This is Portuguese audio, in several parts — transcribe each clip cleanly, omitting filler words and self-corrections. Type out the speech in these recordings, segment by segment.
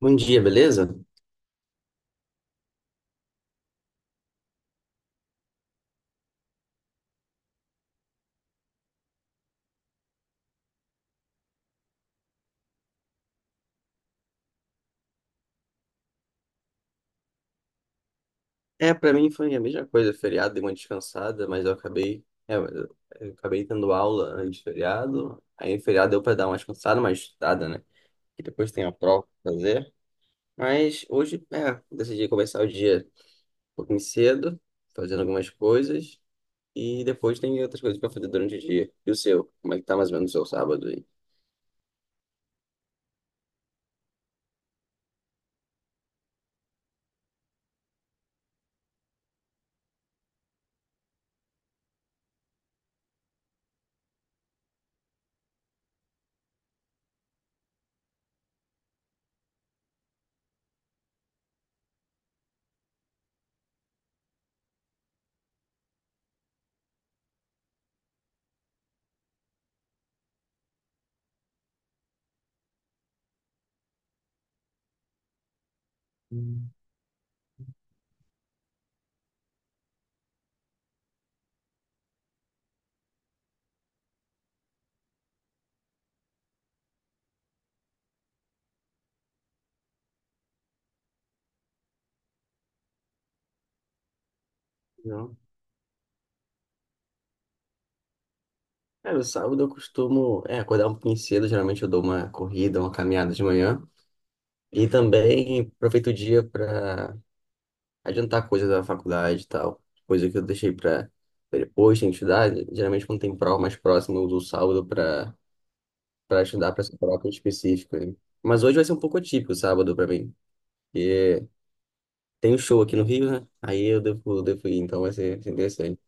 Bom dia, beleza? Pra mim foi a mesma coisa, feriado, dei uma descansada, mas eu acabei, eu acabei tendo aula antes do feriado, aí no feriado deu pra dar uma descansada, uma estudada, né? E depois tem a prova pra fazer, mas hoje, decidi começar o dia um pouquinho cedo, fazendo algumas coisas, e depois tem outras coisas pra fazer durante o dia. E o seu? Como é que tá mais ou menos o seu sábado aí? Hum. Não. No sábado eu costumo, acordar um pouquinho cedo, geralmente eu dou uma corrida, uma caminhada de manhã, e também aproveito o dia para adiantar coisas da faculdade e tal. Coisa que eu deixei para depois, tem que estudar. Geralmente, quando tem prova mais próxima, eu uso o sábado para estudar para essa prova em específico, né? Mas hoje vai ser um pouco atípico o sábado para mim. Porque tem um show aqui no Rio, né? Aí eu devo, devo ir, então vai ser interessante.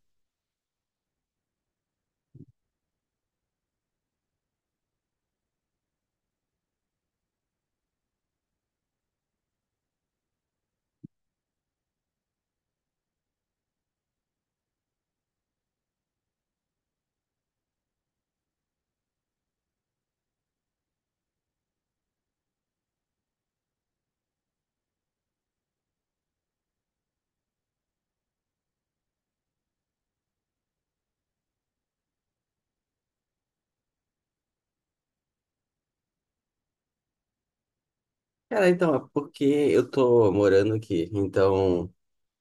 Cara, então, é porque eu tô morando aqui. Então,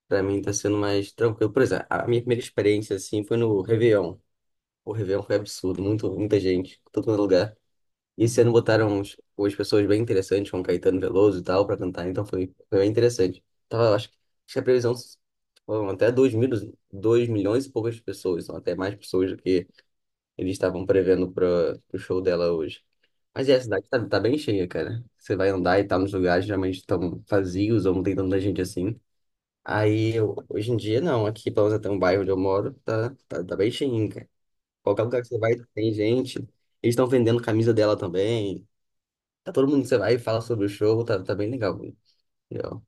para mim tá sendo mais tranquilo. Por exemplo, a minha primeira experiência, assim, foi no Réveillon. O Réveillon foi absurdo, muito, muita gente, todo lugar. E esse ano botaram uns, umas pessoas bem interessantes, como Caetano Veloso e tal, pra cantar, então foi, foi bem interessante. Tava, acho que a previsão foram até 2 milhões e poucas pessoas, são até mais pessoas do que eles estavam prevendo para o show dela hoje. Mas é, a cidade tá, tá bem cheia, cara. Você vai andar e tá nos lugares geralmente estão vazios ou não tem tanta gente assim. Hoje em dia, não. Aqui, pelo menos até um bairro onde eu moro, tá bem cheinho, cara. Qualquer lugar que você vai, tem gente. Eles estão vendendo camisa dela também. Tá todo mundo, você vai e fala sobre o show, tá bem legal. Bem legal.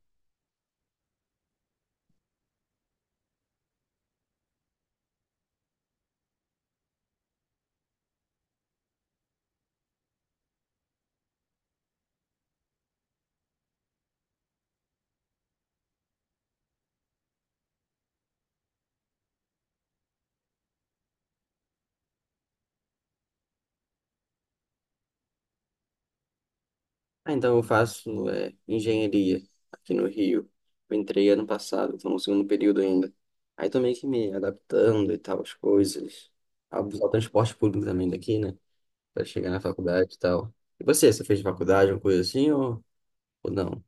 Ah, então eu faço engenharia aqui no Rio. Eu entrei ano passado, estou no segundo período ainda. Aí tô meio que me adaptando e tal, as coisas. A usar o transporte público também daqui, né? Pra chegar na faculdade e tal. E você, você fez faculdade, uma coisa assim, ou não?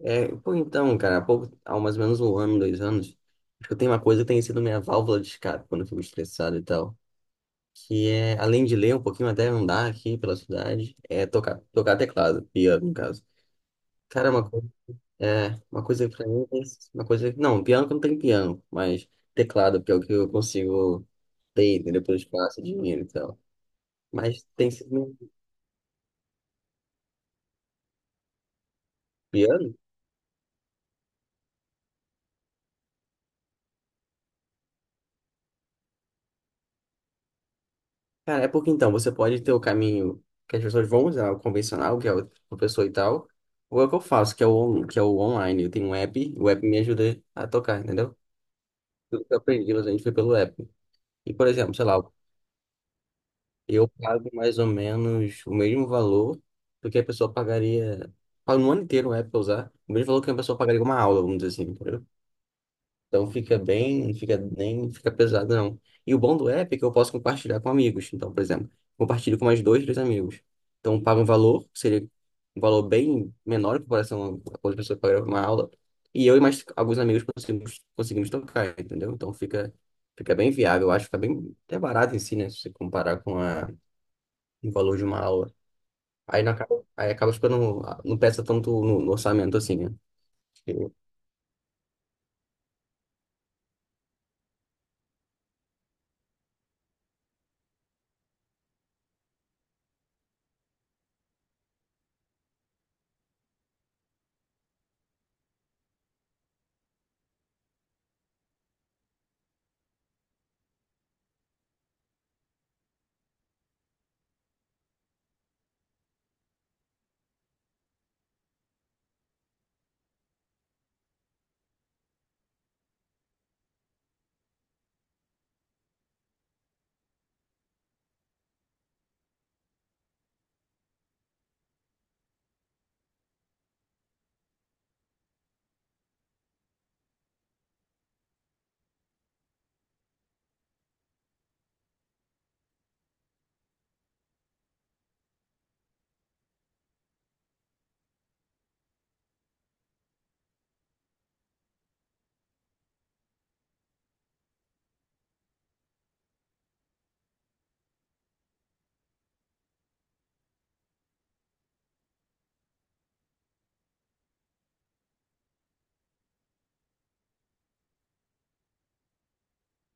É, pô, então, cara, há pouco, há mais ou menos um ano, dois anos, acho que eu tenho uma coisa que tem sido minha válvula de escape quando eu fico estressado e tal, que é, além de ler um pouquinho, até andar aqui pela cidade, é tocar, tocar teclado, piano, no caso. Cara, é uma coisa, uma coisa pra mim, uma coisa, não, piano que não tem piano, mas teclado, que é o que eu consigo ter, entendeu? Pelo espaço, dinheiro e tal. Mas tem sido mesmo piano? Cara, é porque então, você pode ter o caminho que as pessoas vão usar, o convencional, que é o professor e tal, ou é o que eu faço, que é o online. Eu tenho um app, o app me ajuda a tocar, entendeu? Tudo que eu aprendi, a gente foi pelo app. E, por exemplo, sei lá, eu pago mais ou menos o mesmo valor do que a pessoa pagaria. Pago no ano inteiro, pra usar. O mesmo valor que a pessoa pagaria uma aula, vamos dizer assim, entendeu? Então fica bem, não fica, nem fica pesado, não. E o bom do app é que eu posso compartilhar com amigos. Então, por exemplo, compartilho com mais dois, três amigos. Então, eu pago um valor, que seria um valor bem menor em comparação a quando a pessoa pagaria uma aula. E eu e mais alguns amigos conseguimos, conseguimos tocar, entendeu? Então fica, fica bem viável, eu acho que fica bem até barato em si, né? Se você comparar com a o valor de uma aula. Aí acaba ficando, não pesa tanto no, no orçamento assim, né? Porque-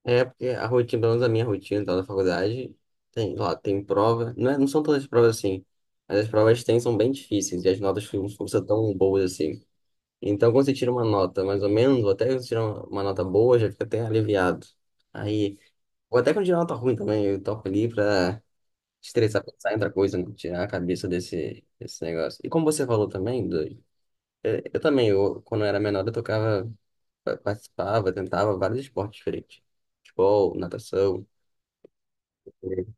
É, porque a rotina, pelo menos a minha rotina tá, da faculdade, tem lá, tem prova, não, não são todas as provas assim, mas as provas que tem são bem difíceis e as notas não são tão boas assim. Então, quando você tira uma nota mais ou menos, ou até quando você tira uma nota boa, já fica até aliviado. Aí, ou até quando tira uma nota ruim também, eu toco ali pra estressar, pensar em outra coisa, né? Tirar a cabeça desse, desse negócio. E como você falou também, do, é, eu também, eu, quando eu era menor, eu tocava, participava, tentava vários esportes diferentes. Futebol, natação. É.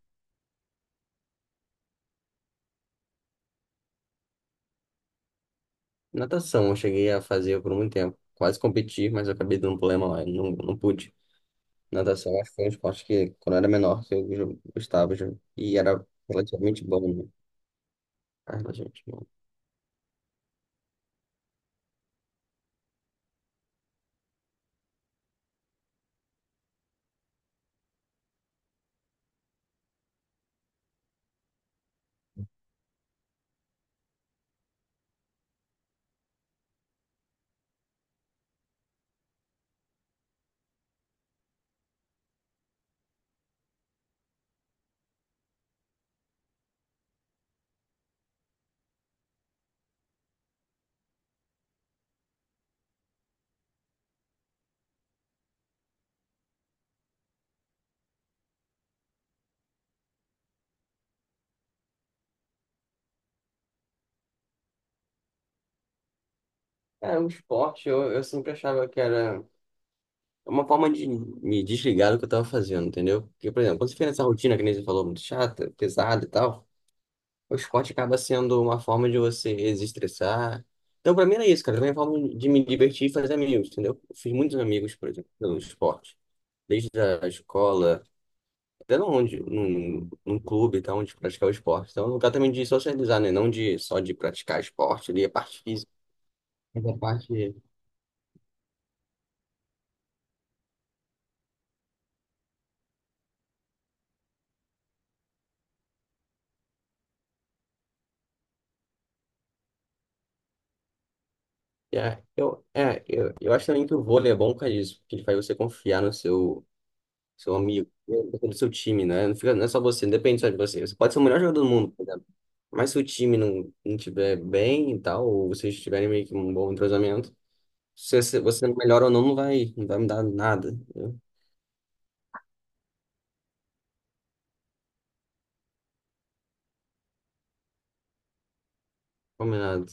Natação eu cheguei a fazer por muito tempo. Quase competi, mas eu acabei dando um problema lá, eu não, não pude. Natação acho que foi um esporte que, quando eu era menor, eu gostava já. E era relativamente bom, né? Era relativamente bom. É, um esporte, eu sempre achava que era uma forma de me desligar do que eu tava fazendo, entendeu? Porque, por exemplo, quando você fica nessa rotina, que nem você falou, muito chata, pesada e tal. O esporte acaba sendo uma forma de você desestressar. Então, pra mim era isso, cara. Era uma forma de me divertir e fazer amigos, entendeu? Eu fiz muitos amigos, por exemplo, pelo esporte. Desde a escola, até onde, num, num clube, e tal, onde praticar o esporte. Então, é um lugar também de socializar, né? Não de, só de praticar esporte ali, a parte física. Mas a parte. É, eu acho também que o vôlei é bom por causa disso, porque ele faz você confiar no seu, seu amigo, do seu time, né? Não fica, não é só você, não depende só de você. Você pode ser o melhor jogador do mundo, por exemplo. Mas se o time não, não tiver bem e tal, ou vocês tiverem meio que um bom entrosamento, se você, você melhor ou não, não vai, não vai mudar nada, né? Combinado.